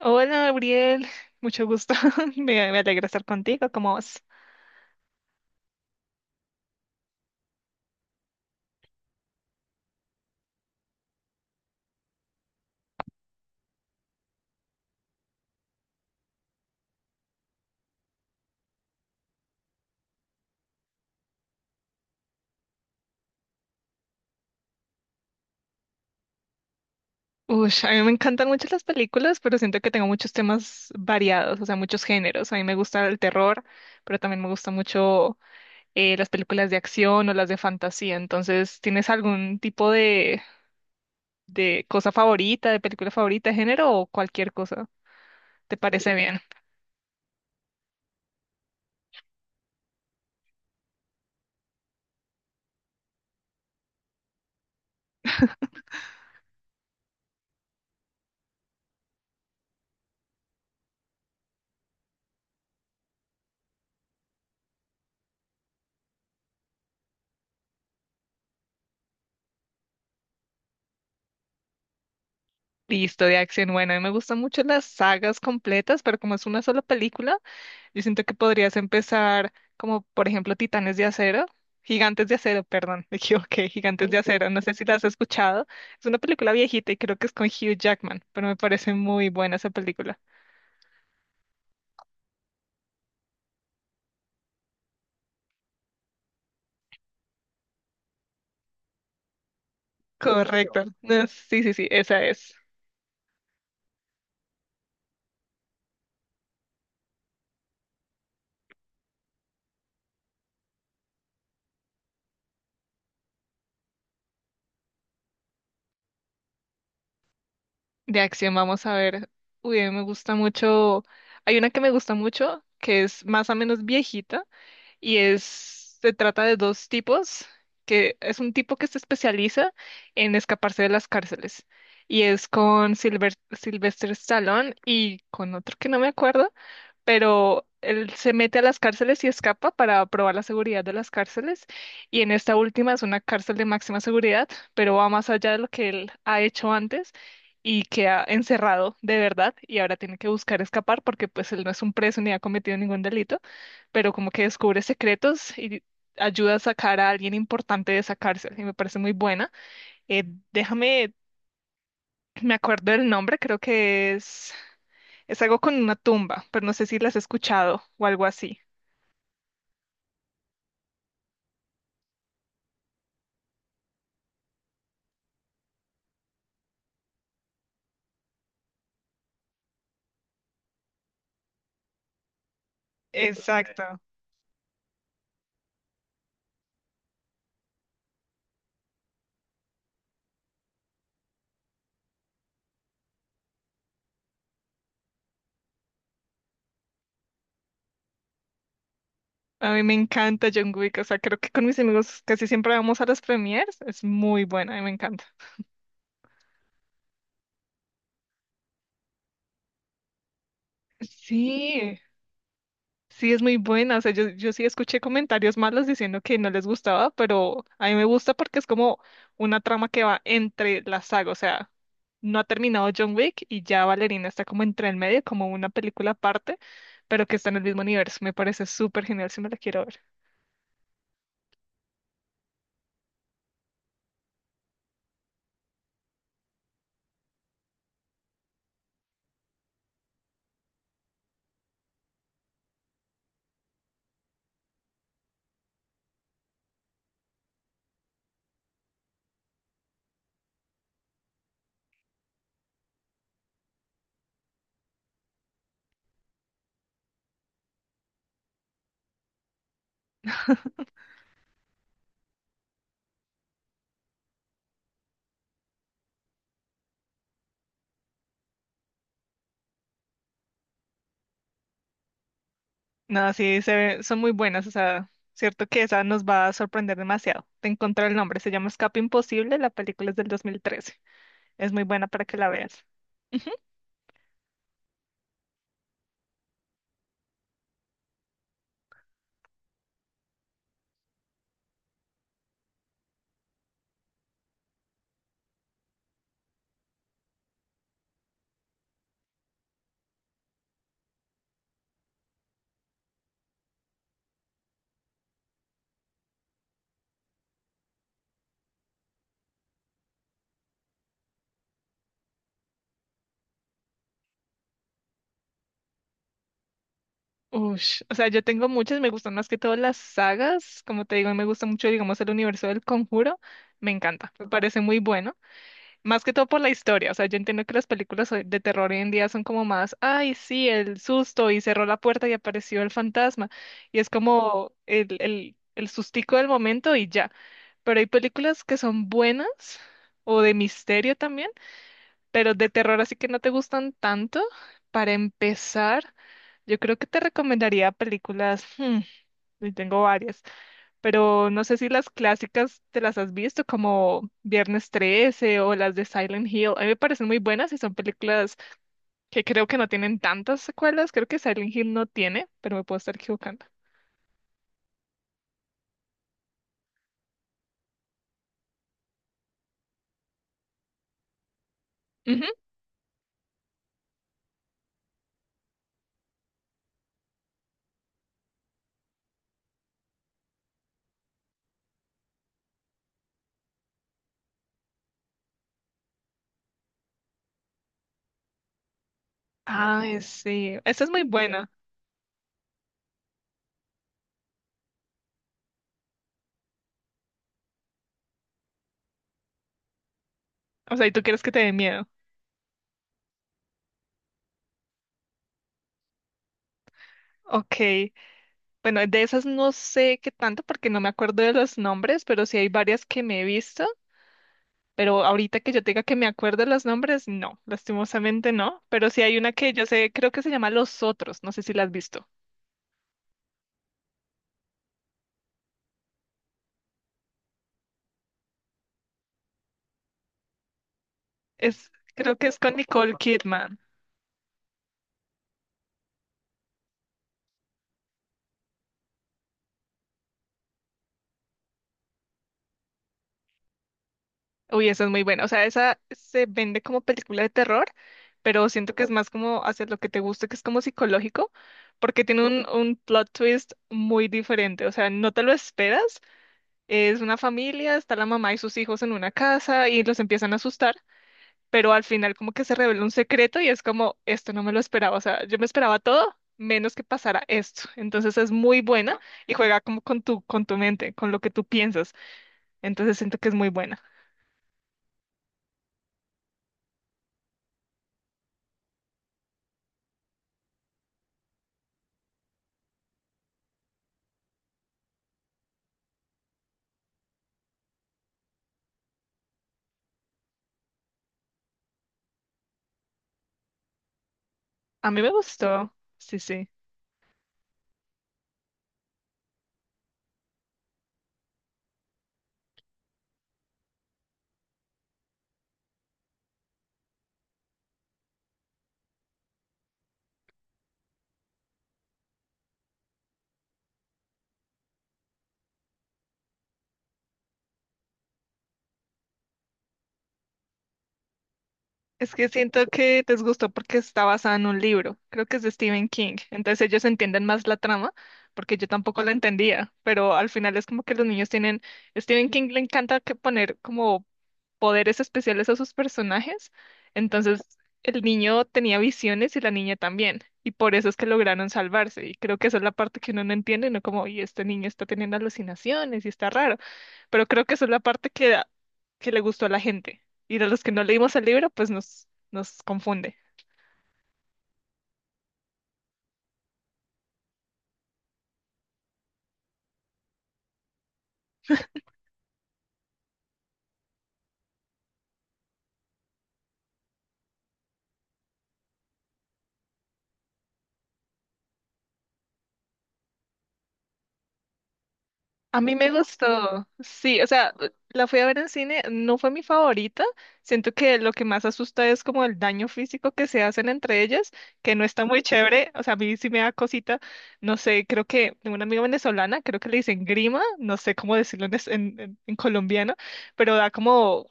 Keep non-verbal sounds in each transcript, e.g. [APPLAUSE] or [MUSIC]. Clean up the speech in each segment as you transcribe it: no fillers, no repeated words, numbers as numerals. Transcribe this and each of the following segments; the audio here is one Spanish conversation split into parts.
Hola, Gabriel. Mucho gusto. [LAUGHS] Me alegra estar contigo. ¿Cómo vas? Ush, a mí me encantan mucho las películas, pero siento que tengo muchos temas variados, o sea, muchos géneros. A mí me gusta el terror, pero también me gusta mucho las películas de acción o las de fantasía. Entonces, ¿tienes algún tipo de cosa favorita, de película favorita, de género o cualquier cosa? ¿Te parece bien? Listo, de acción. Bueno, a mí me gustan mucho las sagas completas, pero como es una sola película. Yo siento que podrías empezar como, por ejemplo, Titanes de Acero, Gigantes de Acero, perdón, [LAUGHS] me equivoqué, Gigantes de Acero, no sé si la has escuchado. Es una película viejita y creo que es con Hugh Jackman, pero me parece muy buena esa película. Correcto. No, sí, sí, sí, esa es. De acción, vamos a ver. Uy, a mí me gusta mucho. Hay una que me gusta mucho, que es más o menos viejita, y es, se trata de dos tipos, que es un tipo que se especializa en escaparse de las cárceles y es con Silver, Sylvester Stallone y con otro que no me acuerdo, pero él se mete a las cárceles y escapa para probar la seguridad de las cárceles. Y en esta última es una cárcel de máxima seguridad, pero va más allá de lo que él ha hecho antes y queda encerrado de verdad y ahora tiene que buscar escapar porque pues él no es un preso ni ha cometido ningún delito, pero como que descubre secretos y ayuda a sacar a alguien importante de esa cárcel y me parece muy buena. Eh, déjame, me acuerdo del nombre, creo que es... Es algo con una tumba, pero no sé si las has escuchado o algo así. Exacto. A mí me encanta John Wick, o sea, creo que con mis amigos casi siempre vamos a las premieres, es muy buena, a mí me encanta. Sí, sí, es muy buena. O sea, yo sí escuché comentarios malos diciendo que no les gustaba, pero a mí me gusta porque es como una trama que va entre la saga. O sea, no ha terminado John Wick y ya Valerina está como entre el medio, como una película aparte, pero que está en el mismo universo. Me parece súper genial si me la quiero ver. No, sí, se ve- son muy buenas, o sea, cierto que esa nos va a sorprender demasiado. Te encontré el nombre, se llama Escape Imposible, la película es del 2013. Es muy buena para que la veas. Ush, o sea, yo tengo muchas, me gustan más que todas las sagas, como te digo, me gusta mucho, digamos, el universo del Conjuro, me encanta, me parece muy bueno. Más que todo por la historia, o sea, yo entiendo que las películas hoy- de terror hoy en día son como más, ay, sí, el susto y cerró la puerta y apareció el fantasma y es como el sustico del momento y ya. Pero hay películas que son buenas o de misterio también, pero de terror así que no te gustan tanto. Para empezar, yo creo que te recomendaría películas, hmm, y tengo varias, pero no sé si las clásicas te las has visto, como Viernes 13 o las de Silent Hill. A mí me parecen muy buenas y son películas que creo que no tienen tantas secuelas. Creo que Silent Hill no tiene, pero me puedo estar equivocando. Ujú. Ay, sí, esa es muy buena. O sea, ¿y tú quieres que te dé miedo? Ok, bueno, de esas no sé qué tanto porque no me acuerdo de los nombres, pero sí hay varias que me he visto. Pero ahorita que yo tenga que me acuerde los nombres, no, lastimosamente no. Pero sí hay una que yo sé, creo que se llama Los Otros, no sé si la has visto. Es, creo que es con Nicole Kidman. Uy, esa es muy buena. O sea, esa se vende como película de terror, pero siento que es más como hacer lo que te guste, que es como psicológico, porque tiene un plot twist muy diferente. O sea, no te lo esperas. Es una familia, está la mamá y sus hijos en una casa y los empiezan a asustar, pero al final como que se revela un secreto y es como, esto no me lo esperaba, o sea, yo me esperaba todo menos que pasara esto. Entonces es muy buena y juega como con tu mente, con lo que tú piensas. Entonces siento que es muy buena. A mí me gustó, sí, sí. Es que siento que les gustó porque está basada en un libro, creo que es de Stephen King. Entonces ellos entienden más la trama, porque yo tampoco la entendía, pero al final es como que los niños tienen, Stephen King le encanta que poner como poderes especiales a sus personajes. Entonces, el niño tenía visiones y la niña también. Y por eso es que lograron salvarse. Y creo que esa es la parte que uno no entiende, no como, y este niño está teniendo alucinaciones y está raro. Pero creo que esa es la parte que le gustó a la gente. Y a los que no leímos el libro, pues nos confunde. A mí me gustó, sí, o sea, la fui a ver en cine, no fue mi favorita, siento que lo que más asusta es como el daño físico que se hacen entre ellas, que no está muy chévere, o sea, a mí sí me da cosita, no sé, creo que tengo una amiga venezolana, creo que le dicen grima, no sé cómo decirlo en, es- en colombiano, pero da como,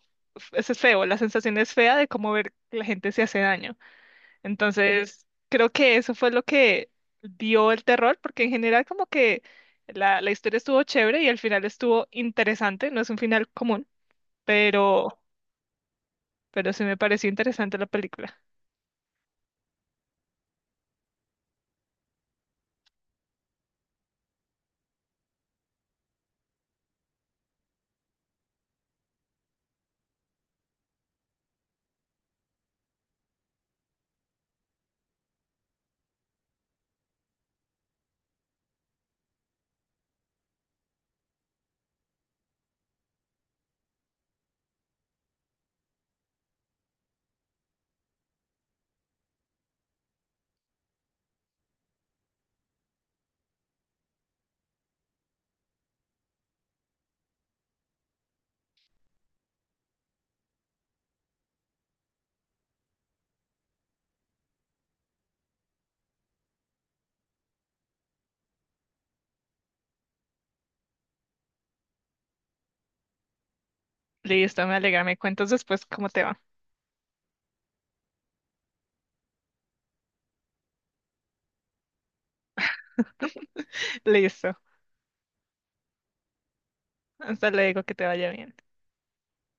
eso es feo, la sensación es fea de cómo ver que la gente se hace daño. Entonces, creo que eso fue lo que dio el terror, porque en general como que la historia estuvo chévere y al final estuvo interesante, no es un final común, pero, pero sí me pareció interesante la película. Listo, me alegra, me cuentas después cómo te va. [LAUGHS] Listo, hasta luego, que te vaya bien.